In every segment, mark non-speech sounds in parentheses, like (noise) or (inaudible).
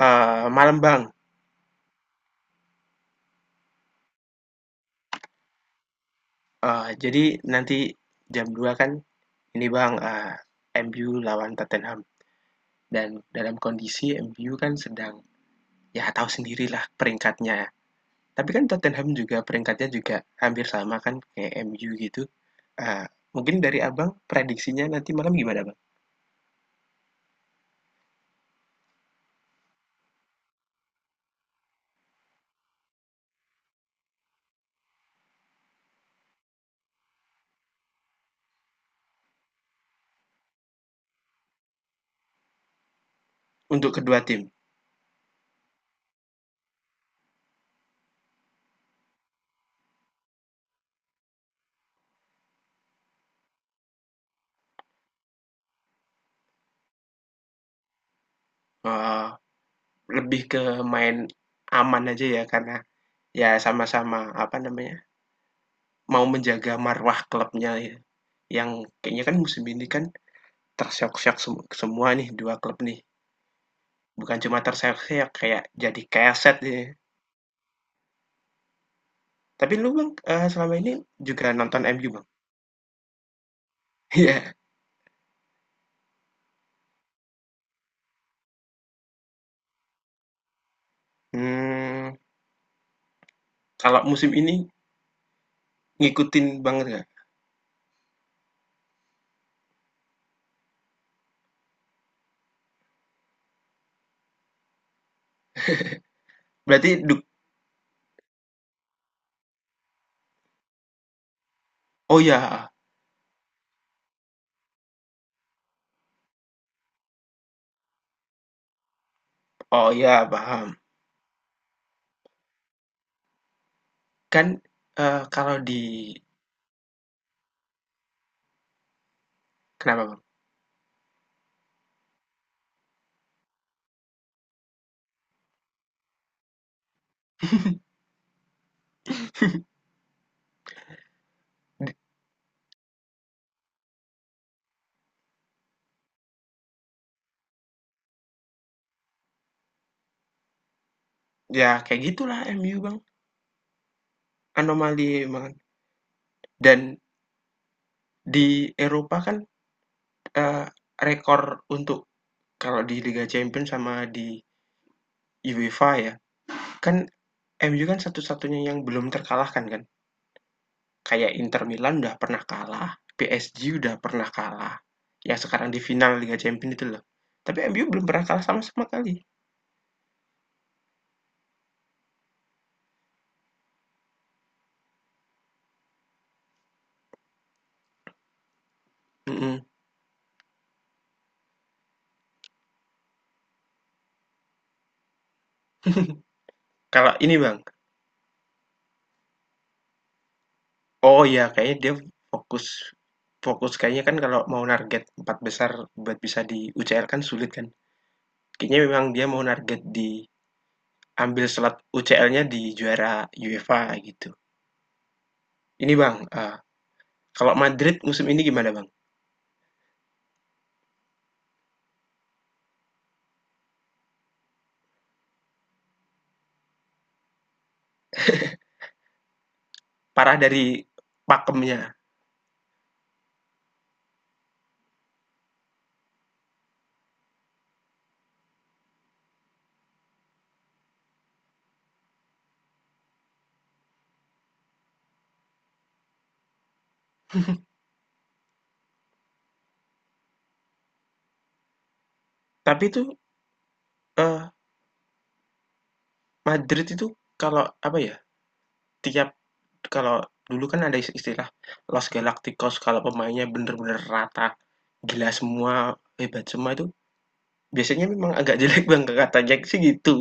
Malam Bang. Jadi nanti jam 2 kan ini Bang, MU lawan Tottenham dan dalam kondisi MU kan sedang, ya tahu sendirilah peringkatnya. Tapi kan Tottenham juga peringkatnya juga hampir sama kan kayak MU gitu. Eee, Mungkin dari Abang prediksinya nanti malam gimana Bang? Untuk kedua tim, eee, lebih ke main aman aja ya karena ya sama-sama, apa namanya, mau menjaga marwah klubnya ya, yang kayaknya kan musim ini kan Tersyok-syok semua nih 2 klub nih, bukan cuma terseok-seok ya, kayak jadi keset jadinya. Tapi lu Bang, selama ini juga nonton MU Bang? (laughs) Iya, mmm, kalau musim ini ngikutin banget nggak? Berarti duk Oh ya, oh ya, paham. Kan, kalau di kenapa Bang? Di Ya, kayak gitulah MU Bang, anomali banget. Dan di Eropa kan, eee, rekor untuk kalau di Liga Champions sama di UEFA ya, kan MU kan satu-satunya yang belum terkalahkan kan? Kayak Inter Milan udah pernah kalah, PSG udah pernah kalah, yang sekarang di final Liga Champions itu loh. Tapi MU belum pernah kalah sama sama kali. Mhm. (laughs) Kalau ini Bang, oh iya kayaknya dia fokus fokus kayaknya kan kalau mau target empat besar buat bisa di UCL kan sulit kan. Kayaknya memang dia mau target ambil slot UCL-nya di juara UEFA gitu. Ini Bang, kalau Madrid musim ini gimana Bang? Parah dari pakemnya. Tapi itu, eee, Madrid itu kalau apa ya, tiap kalau dulu kan ada istilah Los Galacticos kalau pemainnya bener-bener rata, gila semua, hebat semua itu biasanya memang agak jelek Bang, katanya sih gitu.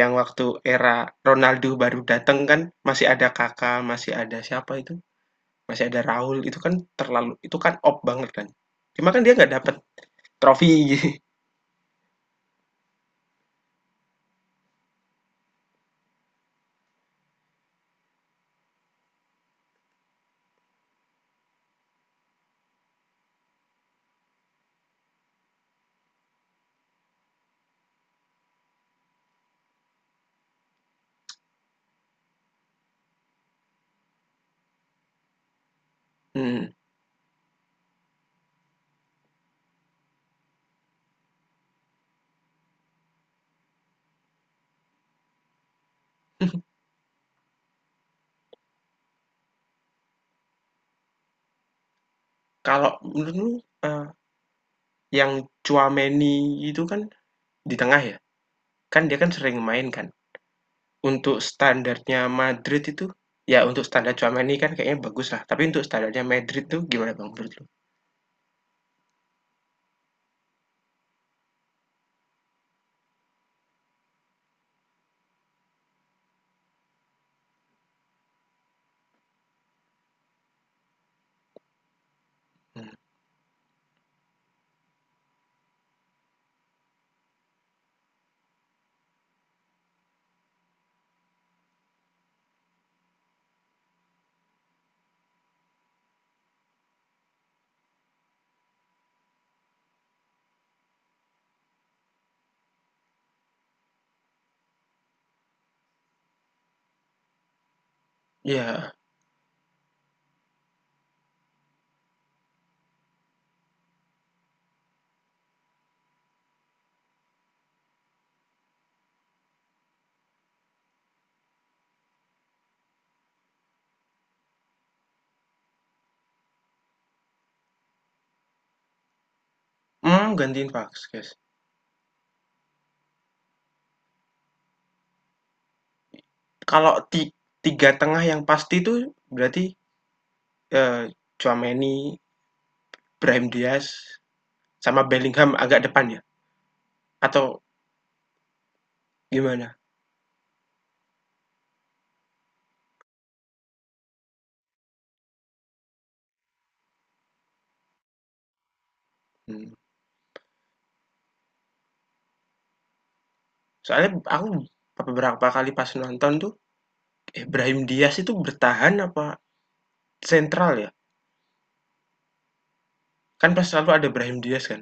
Yang waktu era Ronaldo baru datang kan masih ada kakak masih ada siapa itu, masih ada Raul, itu kan terlalu itu kan op banget kan. Cuma kan dia nggak dapet trofi. (laughs) Mhm. (laughs) Kalau menurutmu, eee, yang Tchouaméni itu kan di tengah ya? Kan dia kan sering main kan. Untuk standarnya Madrid itu, ya untuk standar Tchouaméni kan kayaknya bagus lah. Tapi untuk standarnya Madrid tuh gimana Bang menurut lu? Hmm. Ya, gantiin Vasquez. Kalau tiga tengah yang pasti itu berarti eh, Tchouaméni, Brahim Diaz, sama Bellingham agak depan ya? Atau gimana? Hmm. Soalnya aku beberapa kali pas nonton tuh, Brahim Diaz itu bertahan apa sentral ya? Kan pas selalu ada Brahim Diaz kan?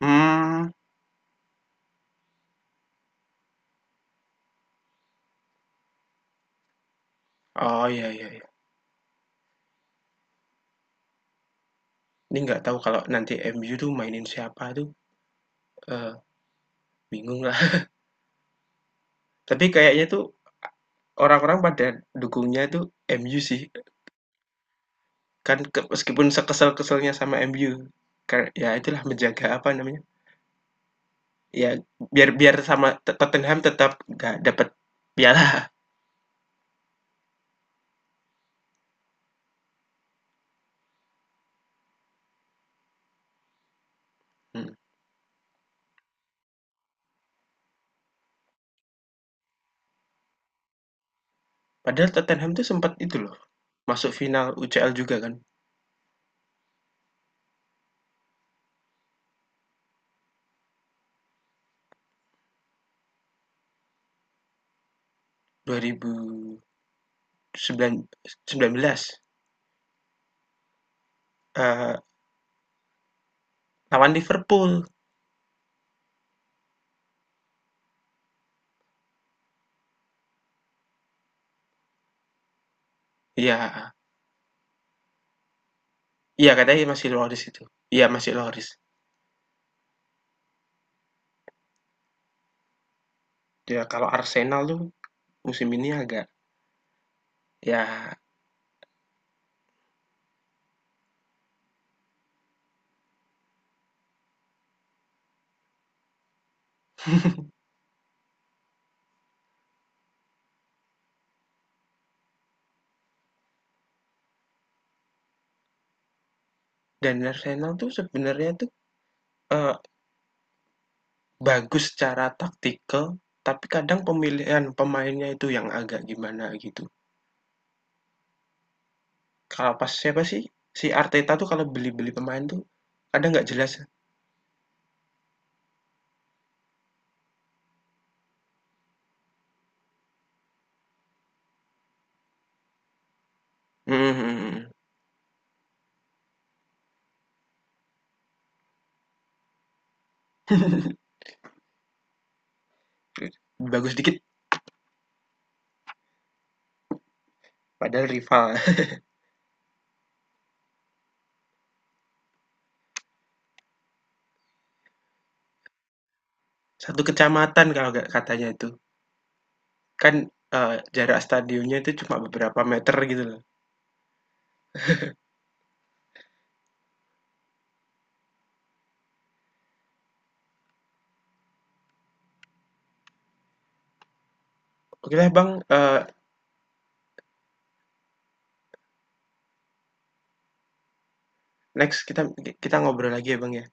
Mmm. Oh, iya, iya, iya. Ini nggak tahu kalau nanti MU tuh mainin siapa tuh, eee, bingung lah. (laughs) Tapi kayaknya tuh a orang-orang pada dukungnya tuh MU sih, kan meskipun sekesel-keselnya sama MU, kayak ya itulah menjaga apa namanya, ya biar biar sama Tottenham tetap nggak dapet piala. Mhm, padahal Tottenham tuh sempet itu loh, masuk final UCL juga kan, 2009 s 19, eee, lawan Liverpool. Iya. Iya, katanya masih Loris itu. Iya, masih Loris. Ya, kalau Arsenal tuh musim ini agak ya. Dan Arsenal tuh sebenarnya tuh, eee, bagus secara taktikal, tapi kadang pemilihan pemainnya itu yang agak gimana gitu. Kalau pas siapa sih, si Arteta tuh kalau beli-beli pemain tuh kadang nggak jelas. Hmm. Bagus dikit, padahal rival. (laughs) Satu kecamatan kalau nggak katanya itu. Kan, jarak stadionnya itu cuma beberapa meter gitu loh. Oke lah Bang, next kita kita ngobrol lagi ya Bang ya?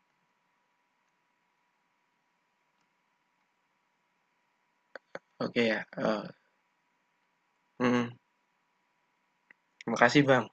Oke ya, mhm, makasih Bang.